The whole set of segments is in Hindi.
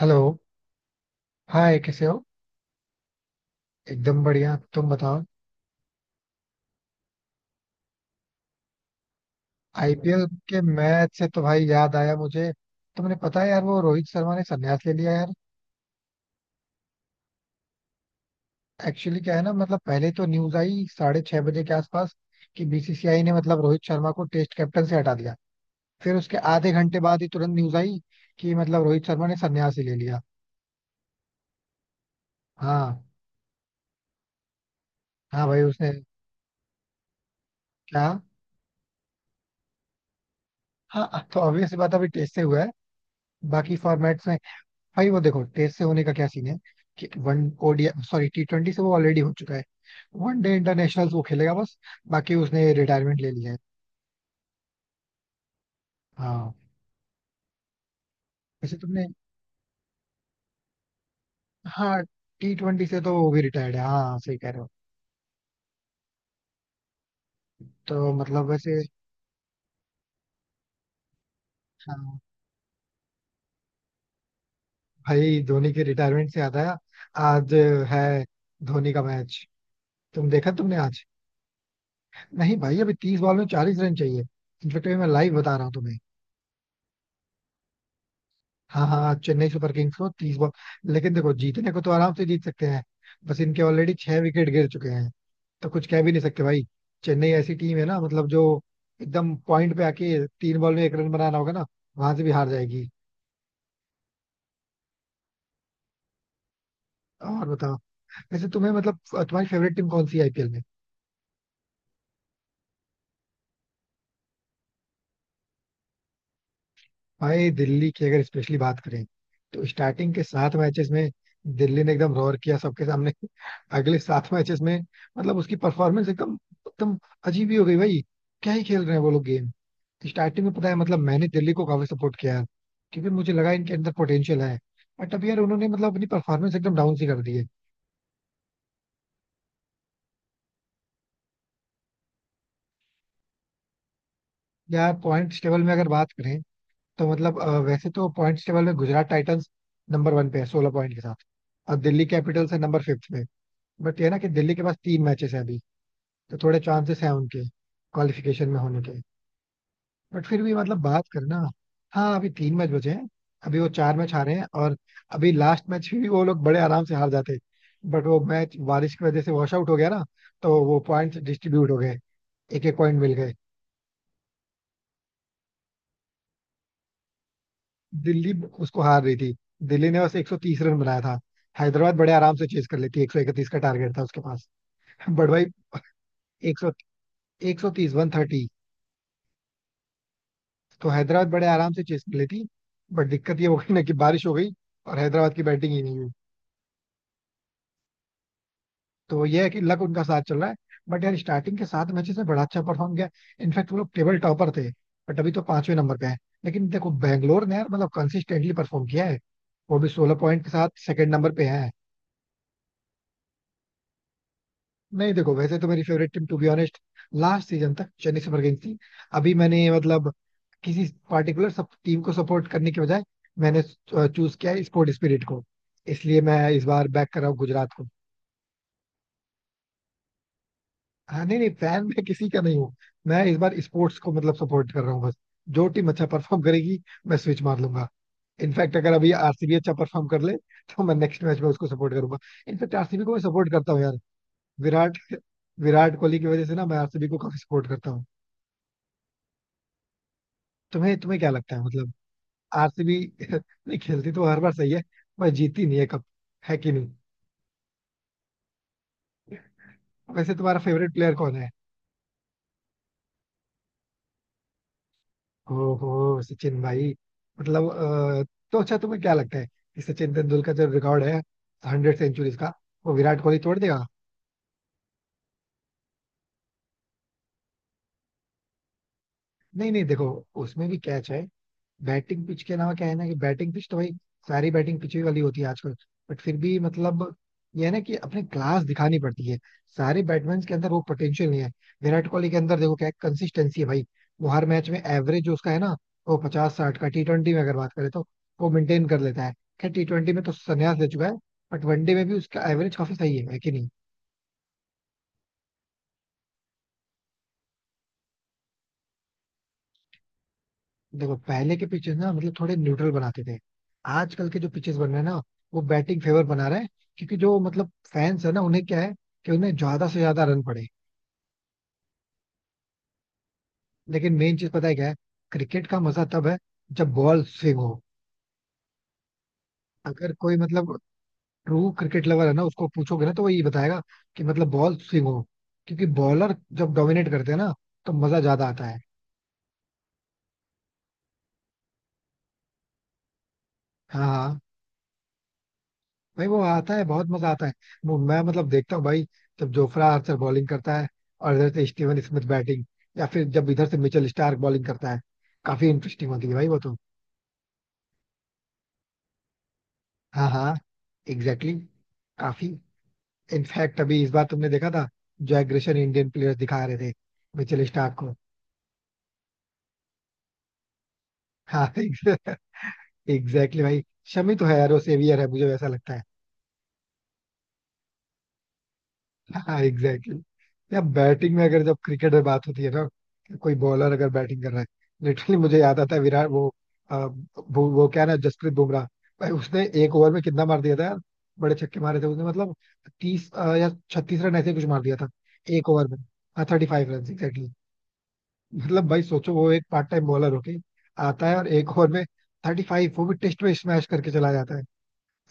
हेलो। हाय, कैसे हो? एकदम बढ़िया, तुम बताओ। आईपीएल के मैच से तो भाई याद आया मुझे। तुमने पता है यार, वो रोहित शर्मा ने संन्यास ले लिया यार। एक्चुअली क्या है ना, मतलब पहले तो न्यूज आई 6:30 बजे के आसपास कि बीसीसीआई ने मतलब रोहित शर्मा को टेस्ट कैप्टन से हटा दिया। फिर उसके आधे घंटे बाद ही तुरंत न्यूज आई कि मतलब रोहित शर्मा ने संन्यास ही ले लिया। हाँ। हाँ भाई उसने। क्या? हाँ तो ऑब्वियस बात है, अभी टेस्ट से हुआ है। बाकी फॉर्मेट्स में भाई वो देखो टेस्ट से होने का क्या सीन है। कि one, ODI sorry T twenty से वो ऑलरेडी हो चुका है। वन डे इंटरनेशनल वो खेलेगा बस, बाकी उसने रिटायरमेंट ले ली है। हाँ। वैसे तुमने, हाँ टी ट्वेंटी से तो वो भी रिटायर्ड है, हाँ सही कह रहे हो। तो मतलब वैसे, हाँ भाई धोनी के रिटायरमेंट से आता है। आज है धोनी का मैच। तुम देखा तुमने आज? नहीं भाई, अभी 30 बॉल में 40 रन चाहिए। इनफेक्ट मैं लाइव बता रहा हूँ तुम्हें। हाँ हाँ हाँ, चेन्नई सुपर किंग्स को 30 बॉल। लेकिन देखो जीतने को तो आराम से जीत सकते हैं, बस इनके ऑलरेडी छह विकेट गिर चुके हैं। तो कुछ कह भी नहीं सकते भाई। चेन्नई ऐसी टीम है ना, मतलब जो एकदम पॉइंट पे आके तीन बॉल में एक रन बनाना होगा ना, वहां से भी हार जाएगी। और बताओ, वैसे तुम्हें मतलब तुम्हारी फेवरेट टीम कौन सी आईपीएल में? भाई दिल्ली की अगर स्पेशली बात करें, तो स्टार्टिंग के सात मैचेस में दिल्ली ने एकदम रोर किया सबके सामने। अगले सात मैचेस में मतलब उसकी परफॉर्मेंस एकदम एकदम अजीब ही हो गई भाई। क्या ही खेल रहे हैं वो लोग गेम। स्टार्टिंग में पता है, मतलब मैंने दिल्ली को काफी सपोर्ट किया है, क्योंकि मुझे लगा इनके अंदर पोटेंशियल है। बट अब यार उन्होंने मतलब अपनी परफॉर्मेंस एकदम डाउन सी कर दी है। यार पॉइंट्स टेबल में अगर बात करें तो मतलब वैसे तो पॉइंट्स टेबल में गुजरात टाइटंस नंबर वन पे है 16 पॉइंट के साथ, और दिल्ली कैपिटल्स है नंबर फिफ्थ पे। बट ये ना कि दिल्ली के पास तीन मैचेस हैं अभी, तो थोड़े चांसेस हैं उनके क्वालिफिकेशन में होने के। बट फिर भी मतलब बात करना, हाँ अभी तीन मैच बचे हैं। अभी वो चार मैच हारे हैं, और अभी लास्ट मैच भी वो लोग बड़े आराम से हार जाते, बट वो मैच बारिश की वजह से वॉश आउट हो गया ना। तो वो पॉइंट्स डिस्ट्रीब्यूट हो गए, एक एक पॉइंट मिल गए। दिल्ली उसको हार रही थी। दिल्ली ने बस 130 रन बनाया था, हैदराबाद बड़े आराम से चेज कर लेती, 131 का टारगेट था उसके पास। बट भाई 100, 130 130, तो हैदराबाद बड़े आराम से चेज कर लेती, बट दिक्कत ये हो गई ना कि बारिश हो गई और हैदराबाद की बैटिंग ही नहीं हुई। तो ये है कि लक उनका साथ चल रहा है। बट यार स्टार्टिंग के सात मैचेस में बड़ा अच्छा परफॉर्म किया, इनफैक्ट वो लोग टेबल टॉपर थे, बट अभी तो पांचवें नंबर पे है। लेकिन देखो बैंगलोर ने यार मतलब कंसिस्टेंटली परफॉर्म किया है, वो भी 16 पॉइंट के साथ सेकंड नंबर पे है। नहीं देखो वैसे तो मेरी favourite team to be honest last season तक चेन्नई सुपर किंग्स थी। अभी मैंने मतलब किसी पार्टिकुलर सब टीम को सपोर्ट करने के बजाय मैंने चूज किया है स्पोर्ट स्पिरिट को। इसलिए मैं इस बार बैक कर रहा हूँ गुजरात को। हाँ नहीं नहीं, फैन मैं किसी का नहीं हूँ। मैं इस बार स्पोर्ट्स को मतलब सपोर्ट कर रहा हूँ बस, जो टीम अच्छा परफॉर्म करेगी मैं स्विच मार लूंगा। इनफैक्ट अगर अभी आरसीबी अच्छा परफॉर्म कर ले तो मैं नेक्स्ट मैच में उसको सपोर्ट करूंगा। इनफैक्ट आरसीबी को मैं सपोर्ट करता हूँ यार, विराट विराट कोहली की वजह से ना मैं आरसीबी को काफी सपोर्ट करता हूँ। तुम्हें तुम्हें क्या लगता है मतलब? आरसीबी नहीं खेलती तो हर बार सही है, पर जीती नहीं है कब, है कि नहीं? वैसे तुम्हारा फेवरेट प्लेयर कौन है? ओहो सचिन भाई। मतलब तो अच्छा तुम्हें क्या लगता है कि सचिन तेंदुलकर जो रिकॉर्ड है 100 सेंचुरीज का, वो विराट कोहली तोड़ देगा? नहीं नहीं देखो, उसमें भी कैच है। बैटिंग पिच के अलावा क्या है ना, कि बैटिंग पिच तो भाई सारी बैटिंग पिच ही वाली होती है आजकल। बट फिर भी मतलब ये है ना कि अपने क्लास दिखानी पड़ती है। सारे बैट्समैन के अंदर वो पोटेंशियल नहीं है। विराट कोहली के अंदर देखो क्या कंसिस्टेंसी है भाई। वो हर मैच में एवरेज जो उसका है ना, वो 50-60 का टी ट्वेंटी में अगर बात करें तो वो मेंटेन कर लेता है। खैर टी ट्वेंटी में तो संन्यास ले चुका है, बट वनडे में भी उसका एवरेज काफी सही है कि नहीं? देखो पहले के पिचेस ना मतलब थोड़े न्यूट्रल बनाते थे, आजकल के जो पिचेस बन रहे हैं ना वो बैटिंग फेवर बना रहे हैं, क्योंकि जो मतलब फैंस है ना उन्हें क्या है, कि उन्हें ज्यादा से ज्यादा रन पड़े। लेकिन मेन चीज पता है क्या है, क्रिकेट का मजा तब है जब बॉल स्विंग हो। अगर कोई मतलब ट्रू क्रिकेट लवर है ना उसको पूछोगे ना तो वो ये बताएगा कि मतलब बॉल स्विंग हो, क्योंकि बॉलर जब डोमिनेट करते हैं ना तो मजा ज्यादा आता है। हाँ हाँ भाई वो आता है, बहुत मजा आता है। मैं मतलब देखता हूँ भाई, जब जोफ्रा आर्चर बॉलिंग करता है और इधर से स्टीवन स्मिथ बैटिंग, या फिर जब इधर से मिचेल स्टार्क बॉलिंग करता है, काफी इंटरेस्टिंग होती है भाई वो तो। हाँ हाँ, एग्जैक्टली exactly, काफी। इनफैक्ट अभी इस बार तुमने देखा था जो एग्रेशन इंडियन प्लेयर्स दिखा रहे थे मिचेल स्टार्क को। हाँ एग्जैक्टली भाई, शमी तो है यार वो सेवियर है, मुझे वैसा लगता है। हाँ एग्जैक्टली exactly। या बैटिंग में अगर जब क्रिकेट में बात होती है ना कि कोई बॉलर अगर बैटिंग कर रहा है, लिटरली मुझे याद आता है विराट वो क्या ना जसप्रीत बुमराह। भाई उसने एक ओवर में कितना मार दिया था यार, बड़े छक्के मारे थे उसने मतलब। तीस या 36 रन ऐसे कुछ मार दिया था एक ओवर में। हाँ 35 रन, एग्जैक्टली। मतलब भाई सोचो वो एक पार्ट टाइम बॉलर होके आता है और एक ओवर में 35 वो भी टेस्ट में स्मैश करके चला जाता है,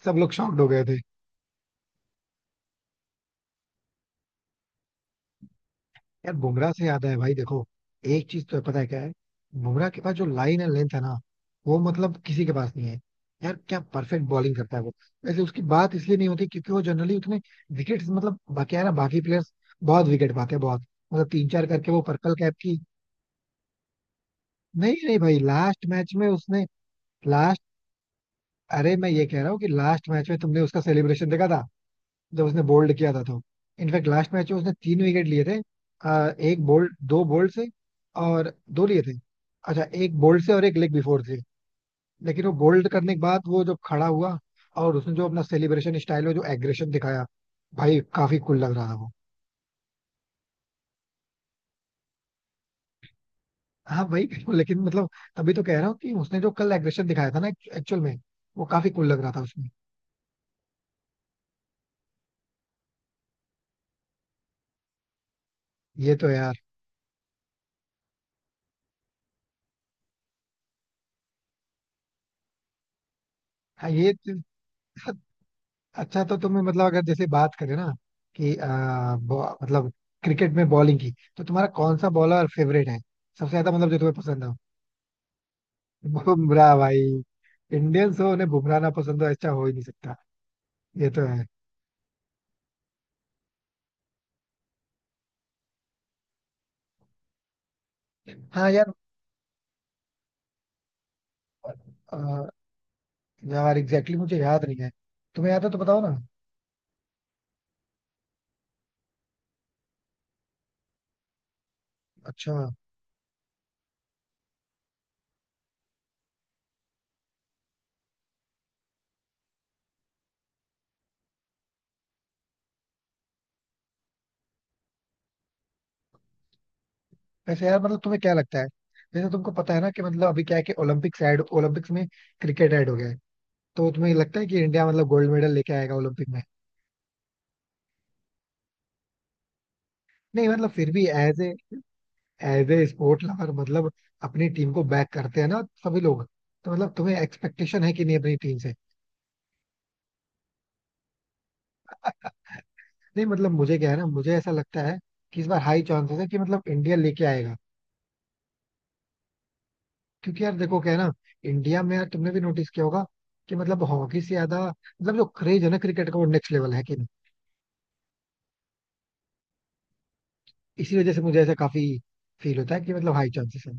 सब लोग शॉक्ड हो गए। यार बुमराह से याद है भाई देखो, एक चीज तो है, पता है क्या है, बुमराह के पास जो लाइन एंड लेंथ है ना वो मतलब किसी के पास नहीं है। यार क्या परफेक्ट बॉलिंग करता है वो। वैसे उसकी बात इसलिए नहीं होती क्योंकि वो जनरली उतने विकेट, मतलब बाकी है ना बाकी प्लेयर्स बहुत विकेट पाते हैं बहुत, मतलब तीन चार करके वो पर्पल कैप की। नहीं नहीं भाई लास्ट मैच में उसने, लास्ट अरे मैं ये कह रहा हूँ कि लास्ट मैच में तुमने उसका सेलिब्रेशन देखा था, जब उसने बोल्ड किया था तो। इनफैक्ट लास्ट मैच में उसने तीन विकेट लिए थे, एक बोल्ड दो बोल्ड से और दो लिए थे। अच्छा एक बोल्ड से और एक लेग बिफोर से। लेकिन वो बोल्ड करने के बाद वो जब खड़ा हुआ और उसने जो अपना सेलिब्रेशन स्टाइल में जो एग्रेशन दिखाया, भाई काफी कूल लग रहा था वो। हाँ भाई लेकिन मतलब, तभी तो कह रहा हूँ कि उसने जो कल एग्रेशन दिखाया था ना एक्चुअल में, वो काफी कूल लग रहा था उसमें। ये तो यार, हाँ ये, अच्छा तो तुम्हें मतलब अगर जैसे बात करें ना कि मतलब क्रिकेट में बॉलिंग की, तो तुम्हारा कौन सा बॉलर फेवरेट है, सबसे ज्यादा मतलब जो तुम्हें पसंद हो? बुमराह भाई, इंडियंस हो उन्हें बुमराह ना पसंद हो ऐसा हो ही नहीं सकता, ये तो है। हाँ यार, अ, यार एग्जैक्टली exactly, मुझे याद नहीं है, तुम्हें याद है तो बताओ ना। अच्छा वैसे यार मतलब तुम्हें क्या लगता है, जैसे तुमको पता है ना कि मतलब अभी क्या है कि ओलंपिक्स ऐड, ओलंपिक्स में क्रिकेट ऐड हो गया है, तो तुम्हें लगता है कि इंडिया मतलब गोल्ड मेडल लेके आएगा ओलंपिक में? नहीं मतलब फिर भी as a, as a sport lover मतलब अपनी टीम को बैक करते हैं ना सभी लोग, तो मतलब तुम्हें एक्सपेक्टेशन है कि नहीं अपनी टीम से? नहीं मतलब मुझे क्या है ना मुझे ऐसा लगता है कि इस बार हाई चांसेस है कि मतलब इंडिया लेके आएगा। क्योंकि यार देखो क्या है ना, इंडिया में यार तुमने भी नोटिस किया होगा कि मतलब हॉकी से ज्यादा, मतलब जो क्रेज है ना क्रिकेट का वो नेक्स्ट लेवल है, कि नहीं? इसी वजह से मुझे ऐसा काफी फील होता है कि मतलब हाई चांसेस है,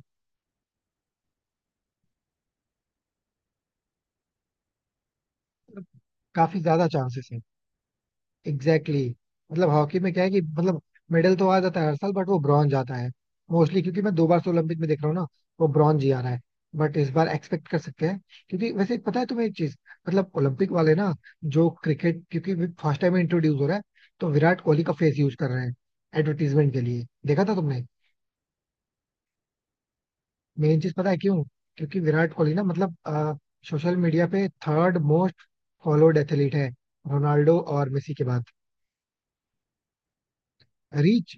मतलब काफी ज्यादा चांसेस। Exactly exactly। मतलब हॉकी में क्या है कि मतलब मेडल तो आ जाता है हर साल, बट वो ब्रॉन्ज आता है मोस्टली, क्योंकि मैं दो बार से ओलंपिक में देख रहा हूँ ना वो ब्रॉन्ज ही आ रहा है। बट इस बार एक्सपेक्ट कर सकते हैं, क्योंकि वैसे पता है तुम्हें एक चीज, मतलब ओलंपिक वाले ना, जो क्रिकेट क्योंकि फर्स्ट टाइम इंट्रोड्यूस हो रहा है, तो विराट कोहली का फेस यूज कर रहे हैं एडवर्टीजमेंट के लिए, देखा था तुमने? मेन चीज पता है क्यों? क्योंकि विराट कोहली ना मतलब सोशल मीडिया पे थर्ड मोस्ट फॉलोड एथलीट है, रोनाल्डो और मेसी के बाद। रीच,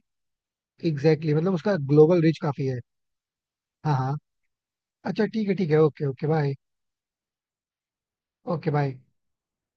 एग्जैक्टली exactly, मतलब उसका ग्लोबल रीच काफी है। हाँ हाँ, अच्छा ठीक है ठीक है, okay okay bye. Okay bye.